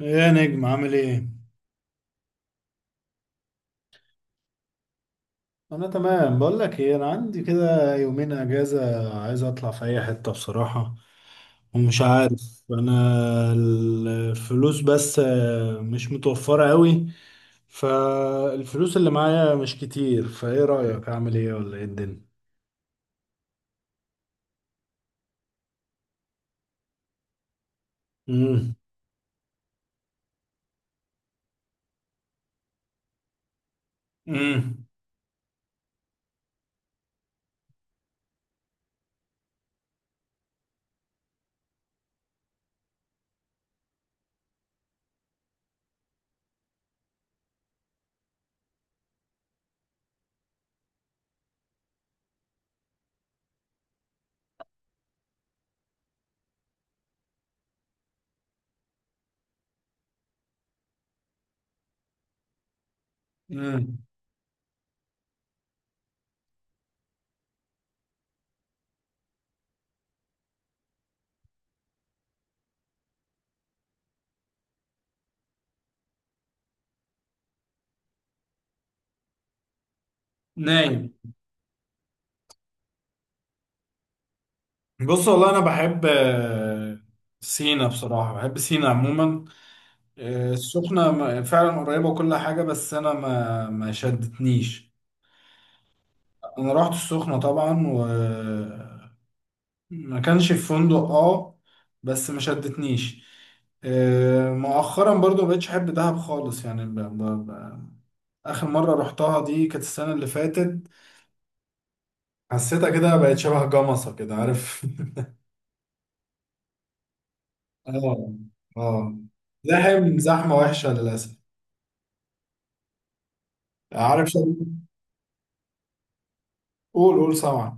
يا نجم عامل ايه؟ انا تمام، بقول لك ايه، انا عندي كده يومين اجازة عايز اطلع في اي حتة بصراحة، ومش عارف انا. الفلوس بس مش متوفرة قوي. فالفلوس اللي معايا مش كتير، فايه رأيك اعمل ايه ولا ايه الدنيا؟ امم. امم. امم. نايم. بص، والله انا بحب سينا، بصراحة بحب سينا عموما. السخنة فعلا قريبة وكل حاجة، بس أنا ما شدتنيش. أنا رحت السخنة طبعا و ما كانش في فندق، اه. بس ما شدتنيش. مؤخرا برضو ما بقتش أحب دهب خالص، يعني ب... آخر مرة رحتها دي كانت السنة اللي فاتت. حسيتها كده بقت شبه جمصة كده، عارف. اه، اه. زحمة وحشة للأسف. عارف قول، قول، سمع.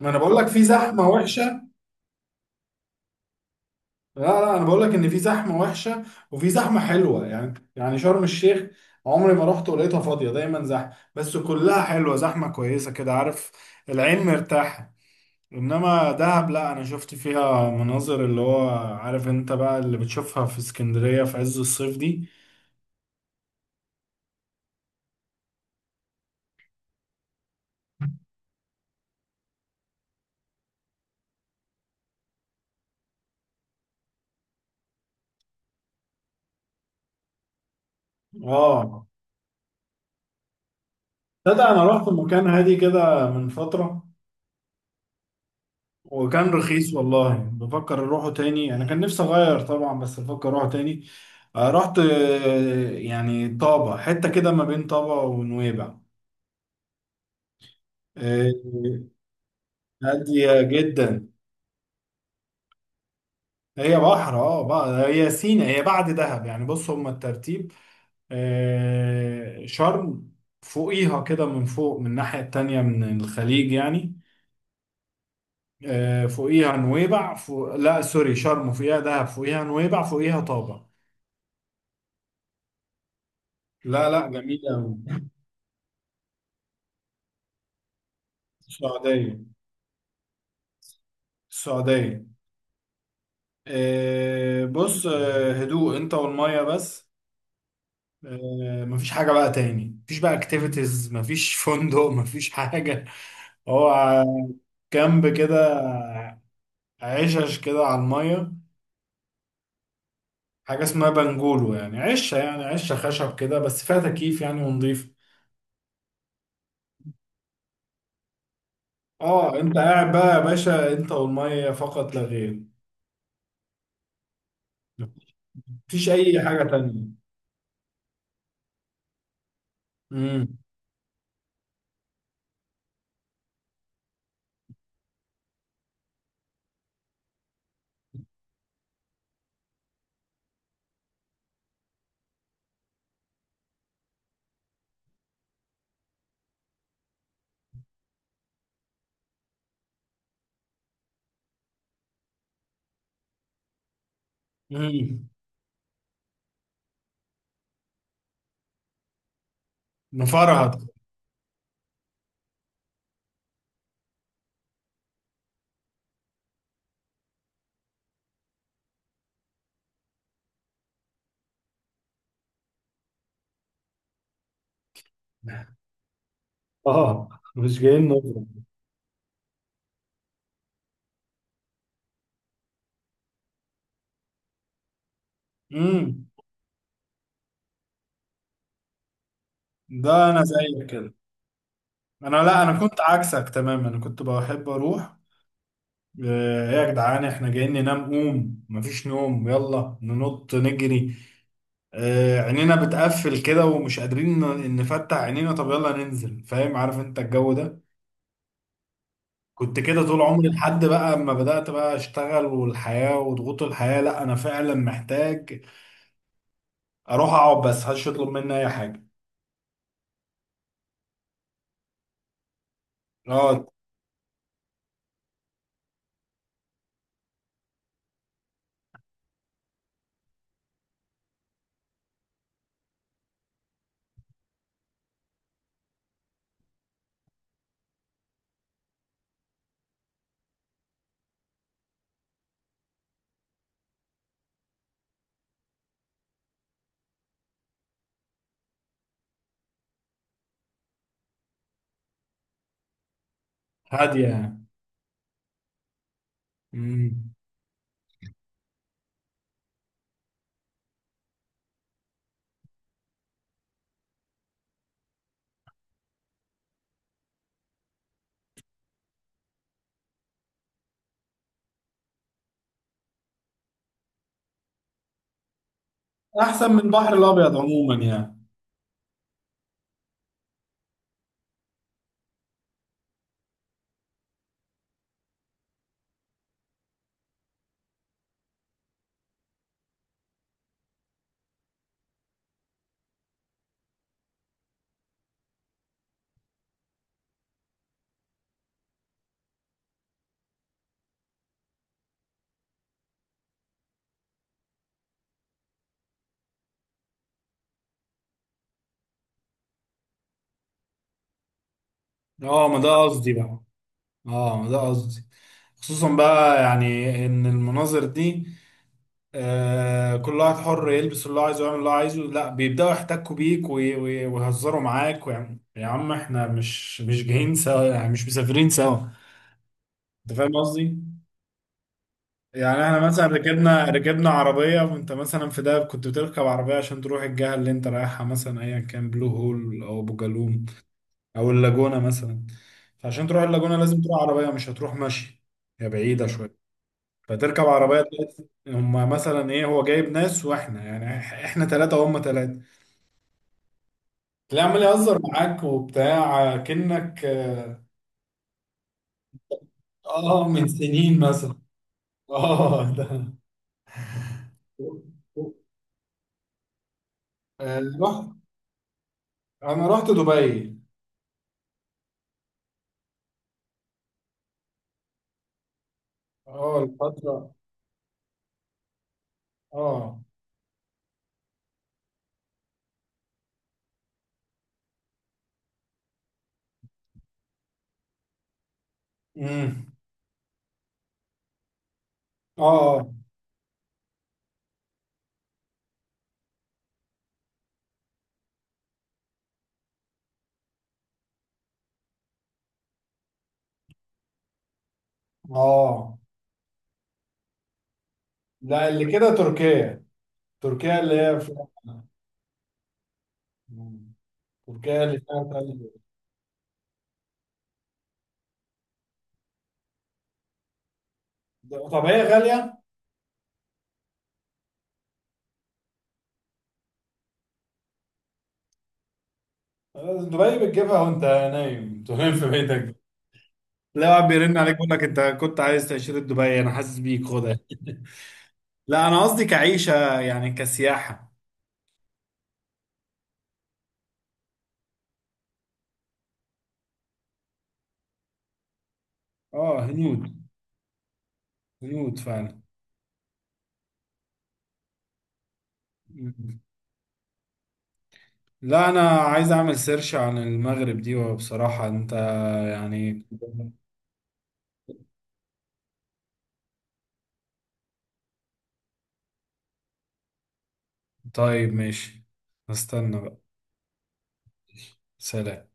ما أنا بقول لك في زحمة وحشة. لا، لا، انا بقول لك ان في زحمه وحشه وفي زحمه حلوه، يعني، يعني شرم الشيخ عمري ما رحت ولقيتها فاضيه، دايما زحمه بس كلها حلوه، زحمه كويسه كده، عارف. العين مرتاحه. انما دهب، لا، انا شفت فيها مناظر اللي هو عارف انت بقى اللي بتشوفها في اسكندريه في عز الصيف دي. اه. تصدق انا رحت مكان هادي كده من فتره، وكان رخيص والله، بفكر اروحه تاني، انا كان نفسي اغير طبعا بس بفكر اروحه تاني. رحت، يعني طابة، حتة كده ما بين طابة ونويبع. آه، هادية جدا. هي بحر، بقى هي سينا، هي بعد دهب يعني. بص، هما الترتيب: شرم، فوقيها كده من فوق من الناحية التانية من الخليج يعني. فوقيها نويبع، فوق، لا سوري، شرم فوقيها دهب، فوقيها نويبع، فوقيها طابة. لا، لا، جميلة. السعودية. السعودية. بص، هدوء انت والمية بس. مفيش حاجة بقى تاني، مفيش بقى اكتيفيتيز، مفيش فندق مفيش حاجة. هو كامب كده، عشش كده على المية. حاجة اسمها بنجولو، يعني عشة، يعني عشة خشب كده بس فيها تكييف يعني، ونضيف. اه انت قاعد بقى يا باشا، انت والمية فقط لا غير. مفيش اي حاجة تانية. امم. امم. نفرهد. اه مش جايين نظرة. امم. ده انا زيك كده. لا، انا كنت عكسك تماما، انا كنت بحب اروح. ايه يا جدعان احنا جايين ننام، قوم مفيش نوم، يلا ننط نجري، عينينا بتقفل كده ومش قادرين نفتح عينينا، طب يلا ننزل، فاهم عارف انت الجو ده. كنت كده طول عمري، لحد بقى اما بدأت بقى اشتغل والحياة وضغوط الحياة، لا انا فعلا محتاج اروح اقعد بس محدش يطلب مني اي حاجة. اقعد. هادية يعني. مم. احسن من البحر الابيض عموما يعني. اه، ما ده قصدي بقى. اه، ما ده قصدي. خصوصا بقى يعني، ان المناظر دي، كل واحد حر يلبس اللي هو عايزه ويعمل اللي هو عايزه، لا بيبداوا يحتكوا بيك ويهزروا معاك، ويعني يا عم احنا مش جايين سوا، يعني مش مسافرين سوا. انت فاهم قصدي؟ يعني احنا مثلا ركبنا عربيه، وانت مثلا في دهب كنت بتركب عربيه عشان تروح الجهه اللي انت رايحها، مثلا ايا كان بلو هول او ابو جالوم او اللاجونة مثلا. فعشان تروح اللاجونة لازم تروح عربية، مش هتروح ماشي، هي بعيدة شوية. فتركب عربية تلاقي هما مثلا ايه، هو جايب ناس واحنا، يعني احنا ثلاثة وهم ثلاثة. تلاقيه عمال يهزر معاك وبتاع كأنك من سنين مثلا. اه، ده. آه، رحت انا رحت دبي. اه الفترة. اه. امم. اه. اه. لا، اللي كده تركيا، تركيا اللي هي في، تركيا اللي فيها تلج. طب هي غالية؟ دبي بتجيبها وانت نايم. أنت نايم في بيتك، لا، واحد بيرن عليك يقول لك انت كنت عايز تأشيرة دبي، انا حاسس بيك، خدها. لا، انا قصدي كعيشة، يعني كسياحة. اه، هنود. هنود فعلا. م- لا، انا عايز اعمل سيرش عن المغرب دي، وبصراحة انت يعني. طيب ماشي، استنى بقى. سلام.